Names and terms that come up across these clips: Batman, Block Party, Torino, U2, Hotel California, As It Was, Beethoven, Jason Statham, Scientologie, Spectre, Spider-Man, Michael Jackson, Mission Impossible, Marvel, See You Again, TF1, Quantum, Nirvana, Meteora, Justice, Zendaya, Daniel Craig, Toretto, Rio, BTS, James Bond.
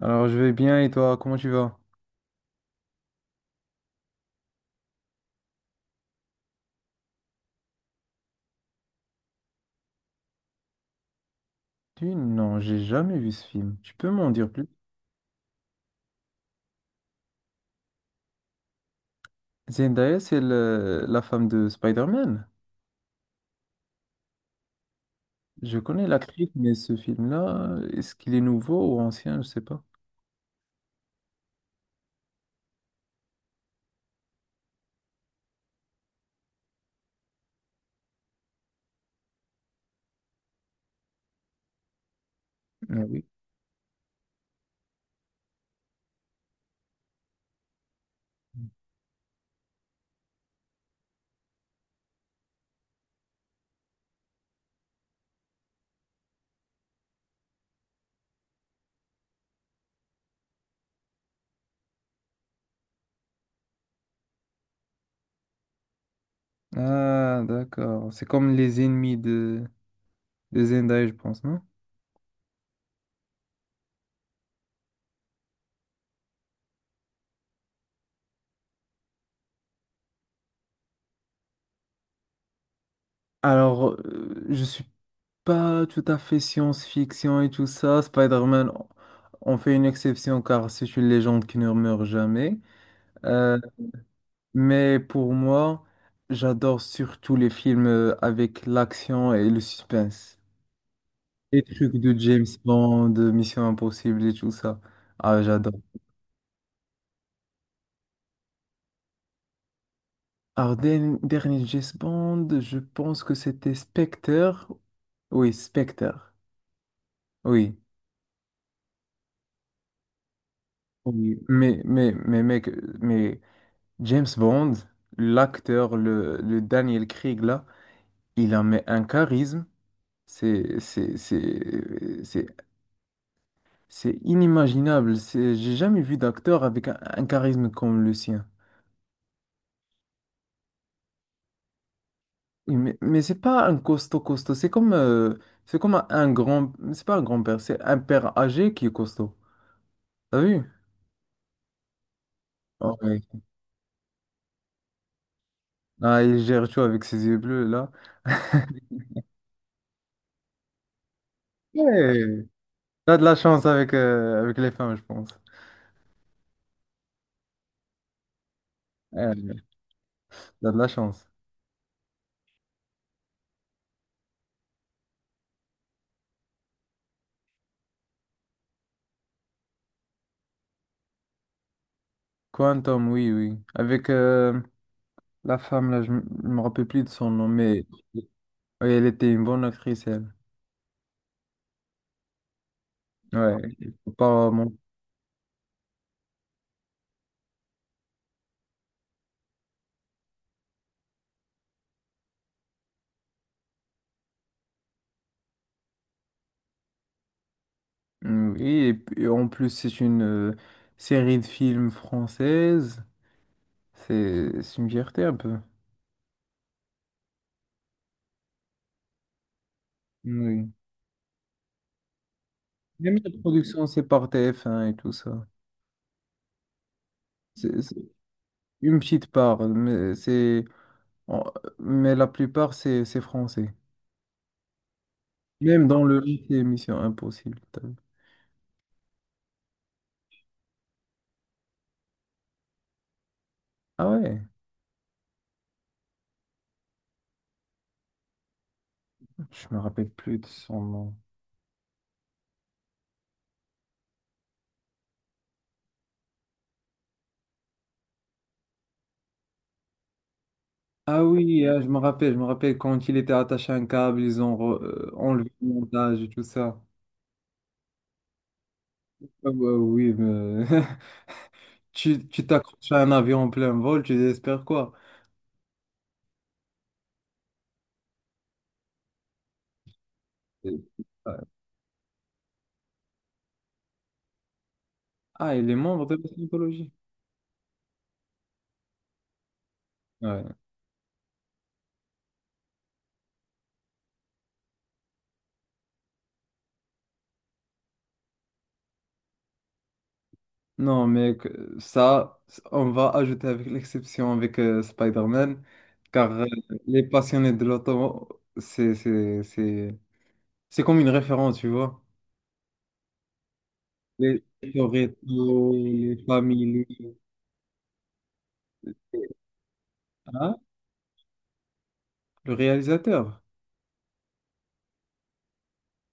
Alors, je vais bien et toi, comment tu vas? Non, j'ai jamais vu ce film. Tu peux m'en dire plus? Zendaya, c'est la femme de Spider-Man. Je connais l'actrice, mais ce film-là, est-ce qu'il est nouveau ou ancien? Je sais pas. Ah oui. Ah, d'accord. C'est comme les ennemis de Zendaya, je pense, non? Alors, je suis pas tout à fait science-fiction et tout ça. Spider-Man, on fait une exception car c'est une légende qui ne meurt jamais. Euh, mais pour moi, j'adore surtout les films avec l'action et le suspense. Les trucs de James Bond, de Mission Impossible et tout ça. Ah, j'adore. Alors, dernier James Bond, je pense que c'était Spectre. Oui, Spectre. Oui. Oui. Mais mec, mais James Bond, l'acteur, le Daniel Craig là, il a mais un charisme, c'est c'est c'est c'est c'est inimaginable. C'est j'ai jamais vu d'acteur avec un charisme comme le sien. Oui, mais mais c'est pas un costaud costaud, c'est comme un grand, c'est pas un grand-père, c'est un père âgé qui est costaud. T'as vu? Oh, ouais. Ah, il gère tout avec ses yeux bleus là. Ouais, t'as de la chance avec avec les femmes, je pense. Ouais, t'as de la chance. Quantum, oui, oui. Avec la femme, là, je me rappelle plus de son nom, mais oui, elle était une bonne actrice, elle. Ouais, il faut pas mm, oui, et puis, en plus, c'est une série de films française. C'est une fierté un peu. Mmh, oui. Même la production, c'est par TF1 et tout ça. C'est une petite part, mais, en- mais la plupart, c'est français. Même dans le nom, c'est Mission Impossible. T'as vu. Ah ouais, je me rappelle plus de son nom. Ah oui, ah, je me rappelle quand il était attaché à un câble, ils ont enlevé le montage et tout ça. Ah ouais, oui, mais tu t'accroches à un avion en plein vol, tu désespères quoi? Et- Ah, il est membre de la Scientologie. Ouais. Non, mais ça, on va ajouter avec l'exception avec Spider-Man, car les passionnés de l'auto, c'est comme une référence, tu vois. Les Toretto, les familles. Le réalisateur?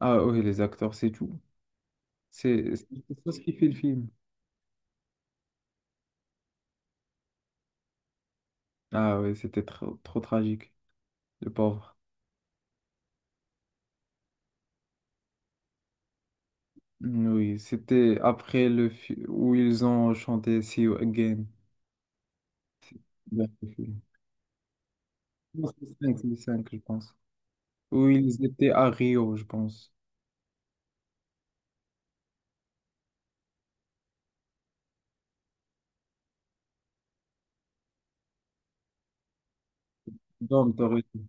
Ah oui, les acteurs, c'est tout. C'est ça ce qui fait le film. Ah oui, c'était trop, trop tragique, le pauvre. Mm, oui, c'était après où ils ont chanté See You Again. Vers le film. Non, c'est le 5, c'est le 5, je pense. Où ils étaient à Rio, je pense. Dans Torino.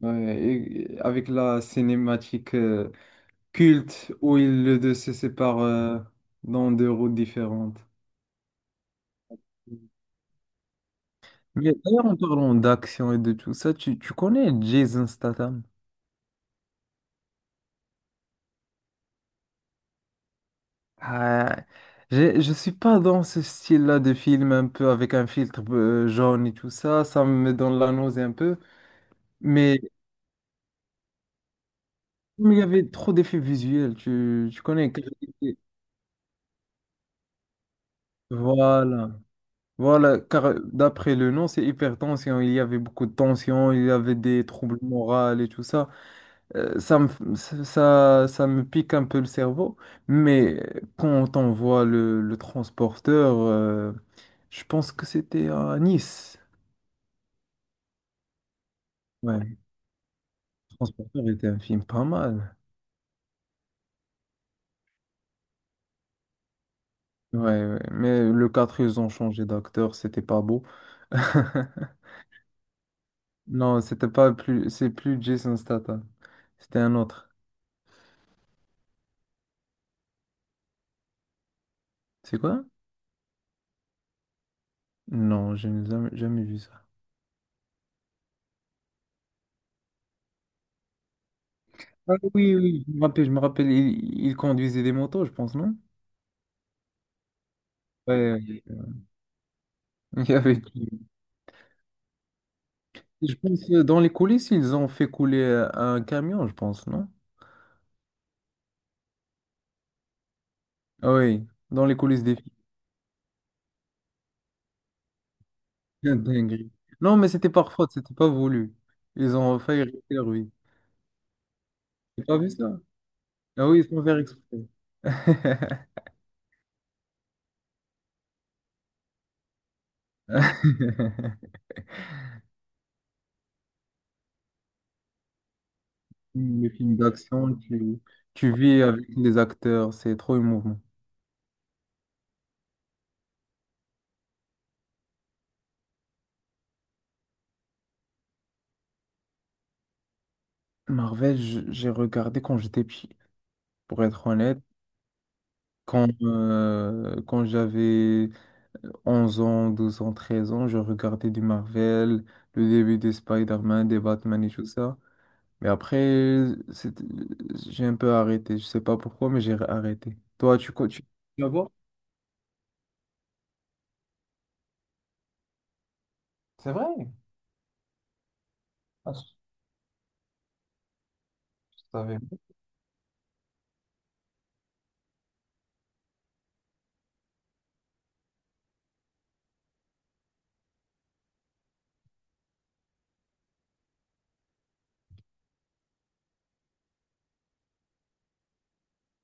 Ouais, et avec la cinématique culte où ils le deux se séparent dans deux routes différentes. Mais d'ailleurs, en parlant d'action et de tout ça, tu connais Jason Statham? Ah, je suis pas dans ce style-là de film un peu avec un filtre jaune et tout ça, ça me donne la nausée un peu. Mais comme il y avait trop d'effets visuels, tu connais. Voilà, voilà, car d'après le nom, c'est hypertension, il y avait beaucoup de tension, il y avait des troubles moraux et tout ça. Ça me pique un peu le cerveau, mais quand on voit le transporteur, je pense que c'était à Nice. Ouais, le transporteur était un film pas mal. Ouais, ouais. Mais le 4 ils ont changé d'acteur, c'était pas beau. Non, c'était pas plus, c'est plus Jason Statham. C'était un autre. C'est quoi? Non, je n'ai jamais, jamais vu ça. Ah oui, oui, je me rappelle, il conduisait des motos, je pense, non? Ouais, ouais. Il y avait. Qui? Je pense dans les coulisses, ils ont fait couler un camion, je pense, non? Ah oui, dans les coulisses des films. Quelle dinguerie. Non, mais c'était par faute, c'était pas voulu. Ils ont failli arrêter lui. T'as pas vu ça? Ah oui, ils sont faire exprès. Les films d'action, tu vis avec les acteurs, c'est trop émouvant. Marvel, j'ai regardé quand j'étais petit, pour être honnête, quand j'avais 11 ans, 12 ans, 13 ans, je regardais du Marvel, le début des Spider-Man, des Batman et tout ça. Mais après, c'est- j'ai un peu arrêté. Je sais pas pourquoi, mais j'ai arrêté. Toi, tu continues à voir? C'est vrai? Ah, je savais.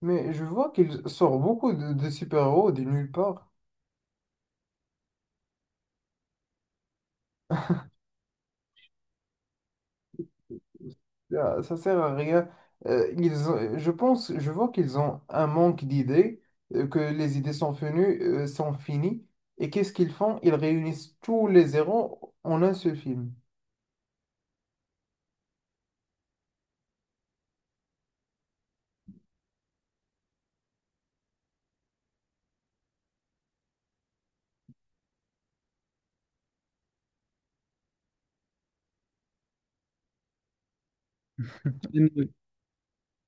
Mais je vois qu'il sort beaucoup de super-héros de nulle part. Ah, ça sert à rien. Je pense, je vois qu'ils ont un manque d'idées, que les idées sont venues, sont finies. Et qu'est-ce qu'ils font? Ils réunissent tous les zéros en un seul film.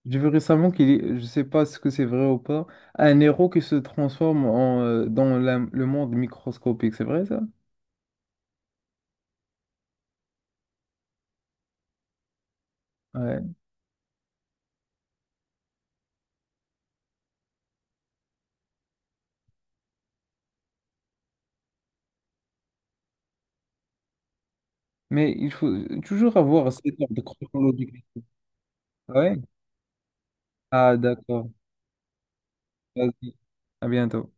J'ai vu récemment qu'il est, je sais pas ce que c'est vrai ou pas, un héros qui se transforme en, dans le monde microscopique, c'est vrai ça? Ouais. Mais il faut toujours avoir cet ordre chronologique. Ouais. Ah d'accord. Vas-y. À bientôt.